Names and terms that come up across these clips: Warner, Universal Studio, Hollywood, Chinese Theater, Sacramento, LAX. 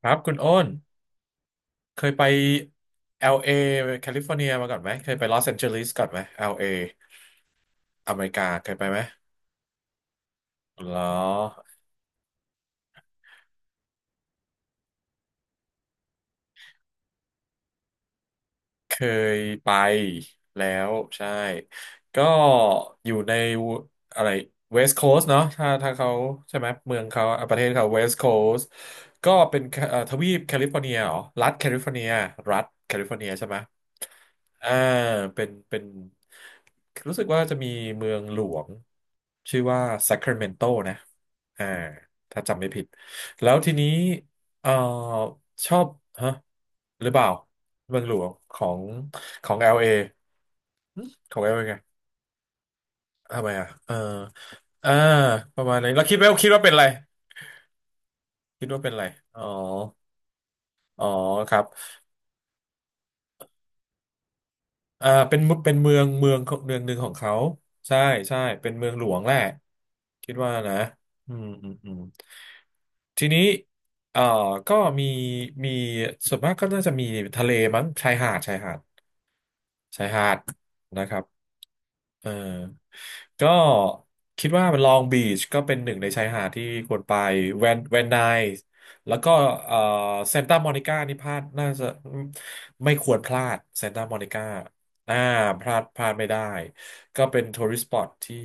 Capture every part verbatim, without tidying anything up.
ครับคุณโอ้นเคยไป แอล เอ แคลิฟอร์เนียมาก่อนไหมเคยไปลอสแอนเจลิสก่อนไหม แอล เอ อลเออเมริกาเคยไปไหมเหรอเคยไปแล้วใช่ก็อยู่ในอะไรเวสต์โคส t เนาะถ้าถ้าเขาใช่ไหมเมืองเขาอ่ะประเทศเขาเวสต์โคส t ก็เป็นแคเอ่อทวีปแคลิฟอร์เนียเหรอรัฐแคลิฟอร์เนียรัฐแคลิฟอร์เนียใช่ไหม อ่าเป็นเป็นรู้สึกว่าจะมีเมืองหลวงชื่อว่าซัคร a เมนโตนะอ่าถ้าจำไม่ผิดแล้วทีนี้เอ่อชอบฮะหรือเปล่าเมืองหลวงของของ แอล เอ หึของ แอล เอ ไงทำไมอ่ะเอออ่าประมาณนี้แล้วคิดว่าคิดว่าเป็นอะไรคิดว่าเป็นอะไรอ๋ออ๋อครับ อ่าเป็นเมืเป็นเมืองเมืองของเมืองหนึ่งของเขาใช่ใช่เป็นเมืองหลวงแหละคิดว่านะอืมอืมอืมทีนี้เอ่อก็มีมีส่วนมากก็น่าจะมีทะเลมั้งชายหาดชายหาดชายหาดนะครับ เออก็คิดว่ามันลองบีชก็เป็นหนึ่งในชายหาดที่ควรไปแวนแวนไนแล้วก็เอ่อเซานตามอนิก้านี่พลาดน่าจะไม่ควรพลาดเซานตามอนิก้าอ่าพลาดพลาดไม่ได้ก็เป็นทัวริสต์สปอตที่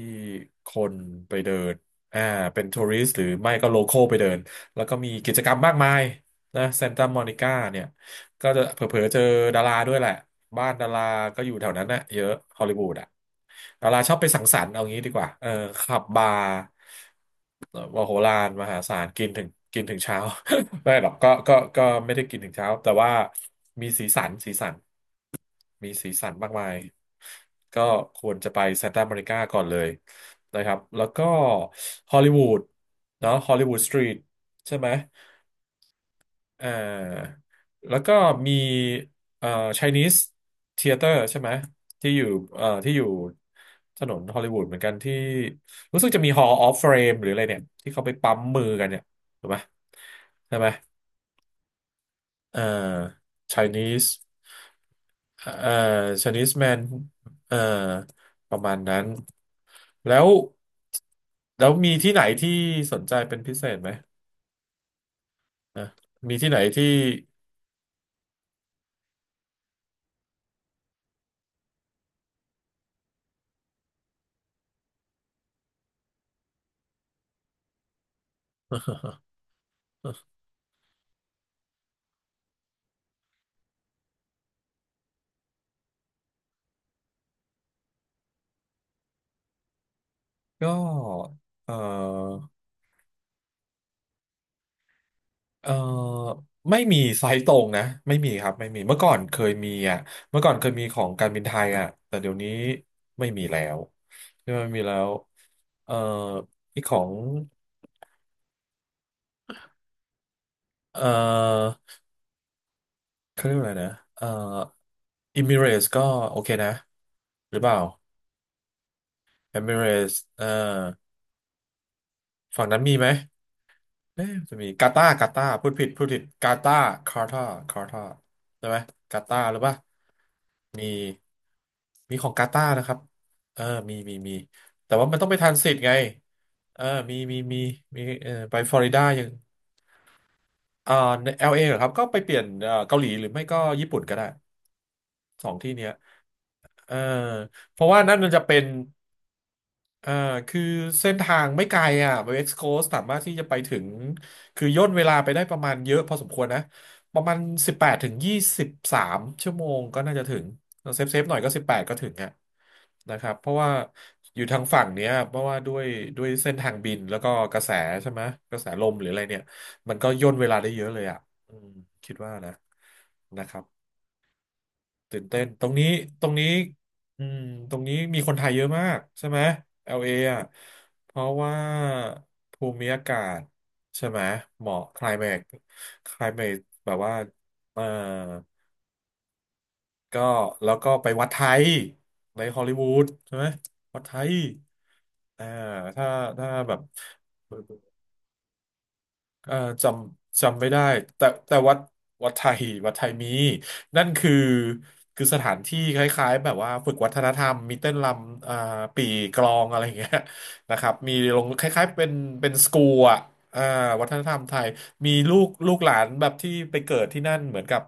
คนไปเดินอ่าเป็นทัวริสต์หรือไม่ก็โลคอลไปเดินแล้วก็มีกิจกรรมมากมายนะเซานตามอนิก้าเนี่ย ก็จะเผลอๆเจอดาราด้วยแหละบ้านดาราก็อยู่แถวนั้นน่ะเยอะฮอลลีวูดอ่ะดาราชอบไปสังสรรค์เอางี้ดีกว่าเออขับบาร์มโหฬารมหาศาลกินถึงกินถึงเช้า ไม่หรอกก็ก็ก็ไม่ได้กินถึงเช้าแต่ว่ามีสีสันสีสันมีสีสันมากมายก็ควรจะไปซานตาอเมริกาก่อนเลยนะครับแล้วก็ฮอลลีวูดเนาะฮอลลีวูดสตรีทใช่ไหม เอ่อแล้วก็มีเอ่อ Chinese Theater ใช่ไหมที่อยู่เอ่อที่อยู่ถนนฮอลลีวูดเหมือนกันที่รู้สึกจะมี Hall of Fame หรืออะไรเนี่ยที่เขาไปปั๊มมือกันเนี่ยถูกไหมใช่ไหมเอ่อ Chinese เอ่อ Chinese man เอ่อประมาณนั้นแล้วแล้วมีที่ไหนที่สนใจเป็นพิเศษไหมนะมีที่ไหนที่ก็เออ เอ่อไม่มีไซต์ตรงนะไม่มีครับไม่มีเมื่อก่อนเคยมีอ่ะเมื่อก่อนเคยมีของการบินไทยอ่ะแต่เดี๋ยวนี้ไม่มีแล้วที่ไมมีแล้วเอ่ออีกของเอ่อเขาเรียกว่าอะไรนะเอ่ออิมิเรสก็โอเคนะหรือเปล่าเอมิเรสเอ่อฝั่งนั้นมีไหม เอ๊ะจะมีกาตากาตาพูดผิดพูดผิดกาตาคาร์ตาร์คาร์ตาใช่ไหมกาตาหรือเปล่ามีมีของกาตานะครับเออมีมีมีแต่ว่ามันต้องไปทรานสิตไงเออมีมีมีมีเออไปฟลอริดายังอ่าเอลเอเหรอครับก็ไปเปลี่ยนเอ่อเกาหลีหรือไม่ก็ญี่ปุ่นก็ได้สองที่เนี้ยเออเพราะว่านั่นมันจะเป็น อ่าคือเส้นทางไม่ไกลอ่ะเวกซ์โคสสามารถที่จะไปถึง คือย่นเวลาไปได้ประมาณเยอะพอสมควรนะ ประมาณสิบแปดถึงยี่สิบสามชั่วโมงก็น่าจะถึง เซฟเซฟหน่อยก็สิบแปดก็ถึงอ่ะนะครับ เพราะว่าอยู่ทางฝั่งเนี้ย เพราะว่าด้วยด้วยเส้นทางบินแล้วก็กระแสใช่ไหม กระแสลมหรืออะไรเนี่ยมันก็ย่นเวลาได้เยอะเลยอ่ะอืมคิดว่านะนะครับ ตื่นเต้นตรงนี้ตรงนี้อืมตรงนี้มีคนไทยเยอะมากใช่ไหม แอล เอ อลเออ่ะเพราะว่าภูมิอากาศใช่ไหมเหมาะ climate climate แบบว่าเออก็แล้วก็ไปวัดไทยในฮอลลีวูดใช่ไหมวัดไทยอ่าถ้าถ้าแบบ เอ่อจำจำไม่ได้แต่แต่วัดวัดไทยวัดไทยมีนั่นคือคือสถานที่คล้ายๆแบบว่าฝึกวัฒนธรรมมีเต้นรำอ่าปี่กลองอะไรอย่างเงี้ยนะครับมีลงคล้ายๆเป็นเป็นสกูลอ่ะอ่าวัฒนธรรมไทยมีลูกลูกหลานแบบที่ไปเกิดที่นั่นเหมือนกับ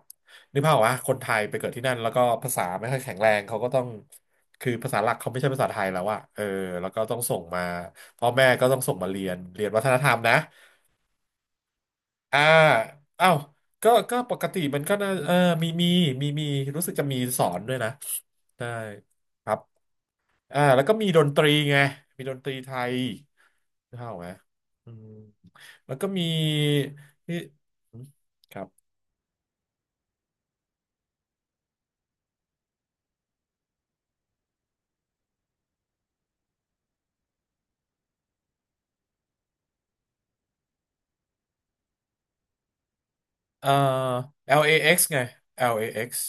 นึกภาพออกะคนไทยไปเกิดที่นั่นแล้วก็ภาษาไม่ค่อยแข็งแรงเขาก็ต้องคือภาษาหลักเขาไม่ใช่ภาษาไทยแล้วอะเออแล้วก็ต้องส่งมาพ่อแม่ก็ต้องส่งมาเรียนเรียนวัฒนธรรมนะ อ่าเอ้าก็ก็ปกติมันก็น่าเออมีมีมีมีรู้สึกจะมีสอนด้วยนะได้ครับอ่าแล้วก็มีดนตรีไงมีดนตรีไทยเข้าไหมอืมแล้วก็มีที่ครับเอ่อ แอล เอ เอ็กซ์ ไง แอล เอ เอ็กซ์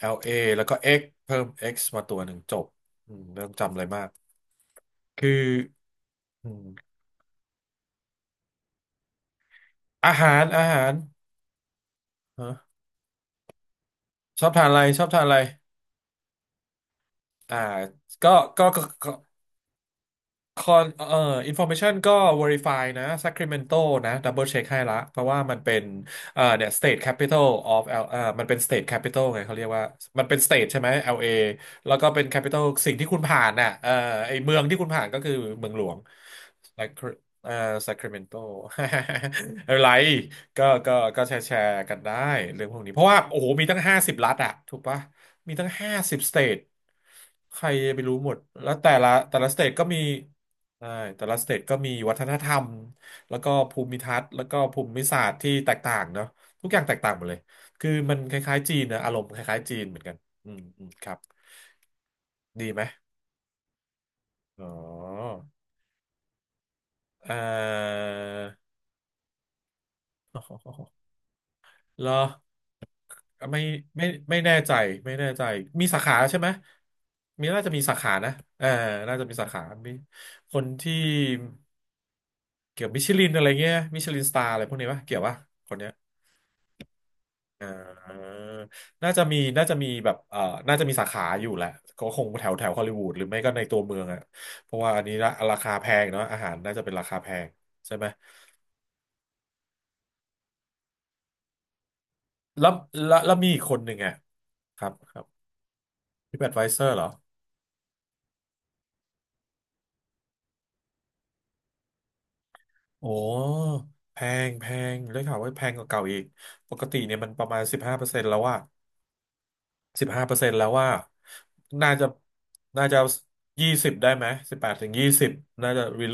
แอล เอ แอลเอแล้วก็ X เพิ่ม X มาตัวหนึ่งจบอืมไม่ต้องจำอะไรมากคืออืมอาหารอาหารฮะชอบทานอะไรชอบทานอะไร อ่าก็ก็ก็ก็ คอนเอ่ออินฟอร์เมชันก็ Verify นะ Sacramento นะดับเบิลเช็คให้ละเพราะว่ามันเป็นเอ่อเนี่ย State Capital of L เอ่อมันเป็น State Capital ไงเขาเรียกว่ามันเป็น State ใช่ไหม แอลเอ แล้วก็เป็น Capital สิ่งที่คุณผ่านน่ะเอ่อไอเมืองที่คุณผ่านก็คือเมืองหลวง Sacra- เอ่อ Sacramento อะไรก็ก็ก็แชร์แชร์กันได้เรื่องพวกนี้เพราะว่าโอ้โหมีตั้งห้าสิบรัฐอะถูกปะมีตั้งห้าสิบสเตทใครจะไปรู้หมดแล้วแต่ละแต่ละสเตทก็มี ใช่แต่ละสเตทก็มีวัฒนธรรมแล้วก็ภูมิทัศน์แล้วก็ภูมิศาสตร์ที่แตกต่างเนาะทุกอย่างแตกต่างหมดเลยคือมันคล้ายๆจีนนะอารมณ์คล้ายๆจีนเหมือนกันอืมอืมครับดีไหมอ๋อเอ่อ เหรอไม่ไม่ไม่แน่ใจไม่แน่ใจมีสาขาใช่ไหมมีน่าจะมีสาขานะเออน่าจะมีสาขามีคนที่เกี่ยวมิชลินอะไรเงี้ยมิชลินสตาร์อะไรพวกนี้ปะเกี่ยวปะคนเนี้ย อ่าน่าจะมีน่าจะมีแบบเอ่อน่าจะมีสาขาอยู่แหละก็คงแถวแถวฮอลลีวูดหรือไม่ก็ในตัวเมืองอ่ะเพราะว่าอันนี้ละราคาแพงเนาะอาหารน่าจะเป็นราคาแพงใช่ไหม แล้วแล้วแล้วมีอีกคนหนึ่งอ่ะครับครับพี่แอดไวเซอร์เหรอ โอ้ แพงแพงได้ข่าวว่าแพงกว่าเก่าอีก ปกติเนี่ยมันประมาณสิบห้าเปอร์เซ็นต์แล้วอะ สิบห้าเปอร์เซ็นต์แล้วว่าน่าจะน่าจะยี่สิบได้ไหมสิบแปดถึงยี่สิบน่าจะ re-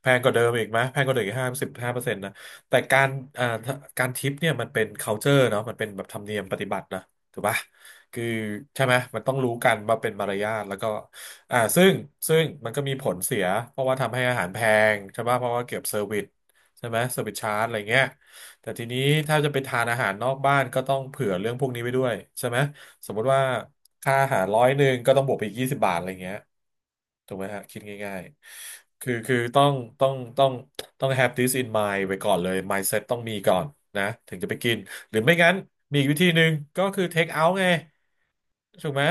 แพงกว่าเดิมอีกไหม แพงกว่าเดิมอีกห้าสิบห้าเปอร์เซ็นต์นะแต่การอ่าการทิปเนี่ยมันเป็น culture เนาะมันเป็นแบบธรรมเนียมปฏิบัตินะถูกปะคือใช่ไหม มันต้องรู้กันว่าเป็นมารยาทแล้วก็อ่าซึ่งซึ่งมันก็มีผลเสียเพราะว่าทำให้อาหารแพงใช่ปะเพราะว่าเก็บเซอร์วิสใช่ไหมเซอร์วิสชาร์จอะไรเงี้ยแต่ทีนี้ถ้าจะไปทานอาหารนอกบ้านก็ต้องเผื่อเรื่องพวกนี้ไปด้วยใช่ไหม สมมุติว่าค่าอาหารร้อยหนึ่งก็ต้องบวกไปอีกยี่สิบบาทอะไรเงี้ยถูกไหมฮะคิดง่ายๆคือคือต้องต้องต้องต้อง have this in mind ไว้ก่อนเลย mindset ต้องมีก่อนนะถึงจะไปกินหรือไม่งั้นมีอีกวิธีหนึ่งก็คือ take out ไงถูกไหม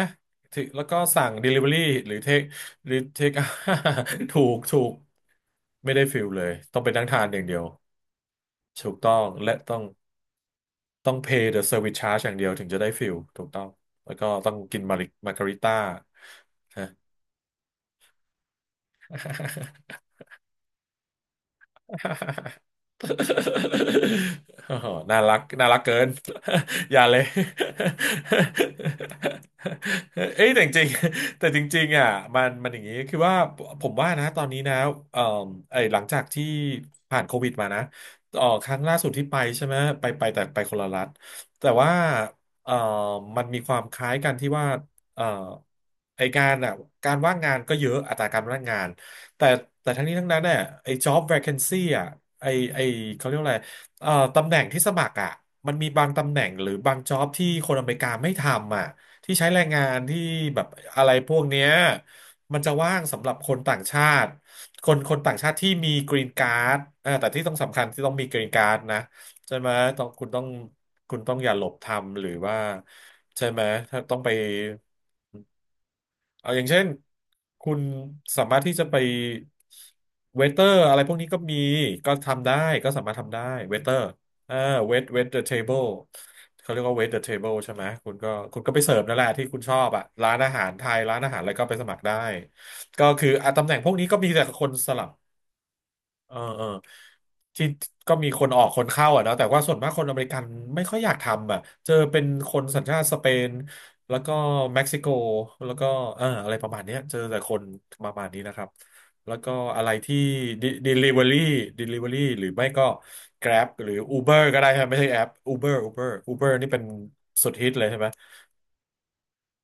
ถึงแล้วก็สั่ง delivery หรือ take หรือ take out ถูกถูกไม่ได้ฟิลเลยต้องไปนั่งทานอย่างเดียวถูกต้องและต้อง ต้อง pay the service charge อย่างเดียวถึงจะได้ฟิลถูกต้องแล้วก็ต้องกินมาริมาการิต้าฮะ โอ้โหน่ารักน่ารักเกิน อย่าเลย เอ้ยแต่จริงๆแต่จริงๆอ่ะมันมันอย่างนี้คือว่าผมว่านะตอนนี้นะเอ่อไอ้หลังจากที่ผ่านโควิดมานะเอ่อครั้งล่าสุดที่ไปใช่ไหมไปไปแต่ไปคนละรัฐแต่ว่าเอ่อมันมีความคล้ายกันที่ว่าเอ่อไอการอ่ะการว่างงานก็เยอะอัตราการว่างงาน แต่แต่ทั้งนี้ทั้งนั้นเนี่ยไอ้ job vacancy อ่ะไอ้ไอ้เขาเรียกว่าอะไรเอ่อตำแหน่งที่สมัครอ่ะมันมีบางตำแหน่งหรือบาง job ที่คนอเมริกาไม่ทำอ่ะที่ใช้แรงงานที่แบบอะไรพวกเนี้ยมันจะว่างสำหรับคนต่างชาติคนคนต่างชาติที่มีกรีนการ์ดอ่าแต่ที่ต้องสำคัญที่ต้องมีกรีนการ์ดนะใช่ไหมต้องคุณต้องคุณต้องอย่าหลบทำหรือว่าใช่ไหมถ้าต้องไป เอาอย่างเช่นคุณสามารถที่จะไปเวเตอร์อะไรพวกนี้ก็มีก็ทำได้ก็สามารถทำได้เวเตอร์อ่าเวทเวทเดอะเทเบิลเขาเรียกว่าเวทเดอะเทเบิลใช่ไหมคุณก็คุณก็ไปเสิร์ฟนั่นแหละที่คุณชอบอ่ะร้านอาหารไทยร้านอาหารอะไรก็ไปสมัครได้ก็คืออ่ะตำแหน่งพวกนี้ก็มีแต่คนสลับ เออเออที่ก็มีคนออกคนเข้าอ่ะเนอะแต่ว่าส่วนมากคนอเมริกันไม่ค่อยอยากทำอ่ะเจอเป็นคนสัญชาติสเปนแล้วก็เม็กซิโกแล้วก็เอออะไรประมาณเนี้ยเจอแต่คนประมาณนี้นะครับแล้วก็อะไรที่ de- delivery delivery หรือไม่ก็ Grab หรือ Uber ก็ได้ครับไม่ใช่แอป Uber Uber Uber นี่เป็นสุดฮิตเลยใช่ไหม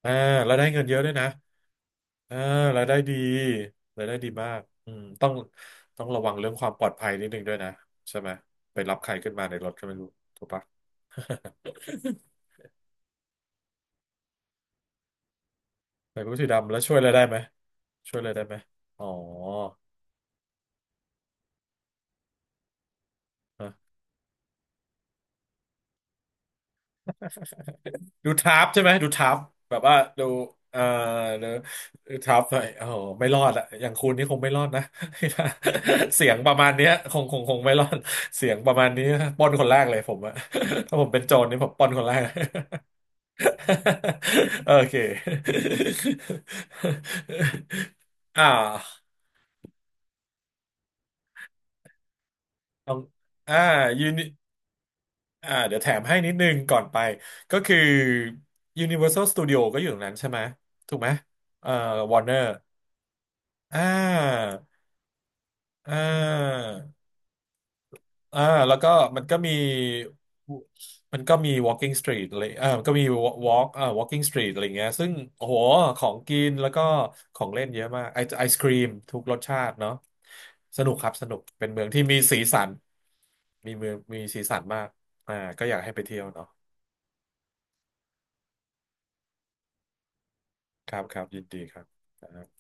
อ่าแล้วได้เงินเยอะด้วยนะ อ่ารายได้ดีรายได้ดีมากอืมต้องต้องระวังเรื่องความปลอดภัยนิดนึงด้วยนะใช่ไหมไปรับใครขึ้นมาในรถก็ไม่รู้ถูกปะ ใส่บู้ สีดำแล้วช่วยอะไรได้ไหมช่วยอะไรได้ไหมอ๋อฮะดูทับใช่ไหมดูทับแบบว่าดูเอ่อดูดูทับหน่อยโอ้โหไม่รอดอะอย่างคุณนี่คงไม่รอดนะ เสียงประมาณเนี้ยคงคงคงไม่รอดเสียงประมาณนี้ปล้นคนแรกเลยผมอะ ถ้าผมเป็นโจรนี่ผมปล้นคนแรก โอเคอ่าลองอ่ายูนิอ่าเดี๋ยวแถมให้นิดนึงก่อนไป ก็คือ Universal Studio ก็อยู่ตรงนั้นใช่ไหมถูกไหมเอ่อ Warner อ่า อ่า อ่าแล้วก็มันก็มีมันก็มี walking street เลยอ่ามันก็มี walk อ่า walking street อะไรเงี้ยซึ่งโอ้โหของกินแล้วก็ของเล่นเยอะมากไอไอศครีมทุกรสชาติเนาะสนุกครับสนุกเป็นเมืองที่มีสีสันมีเมืองมีสีสันมากอ่าก็อยากให้ไปเที่ยวเนาะครับครับยินดีครับ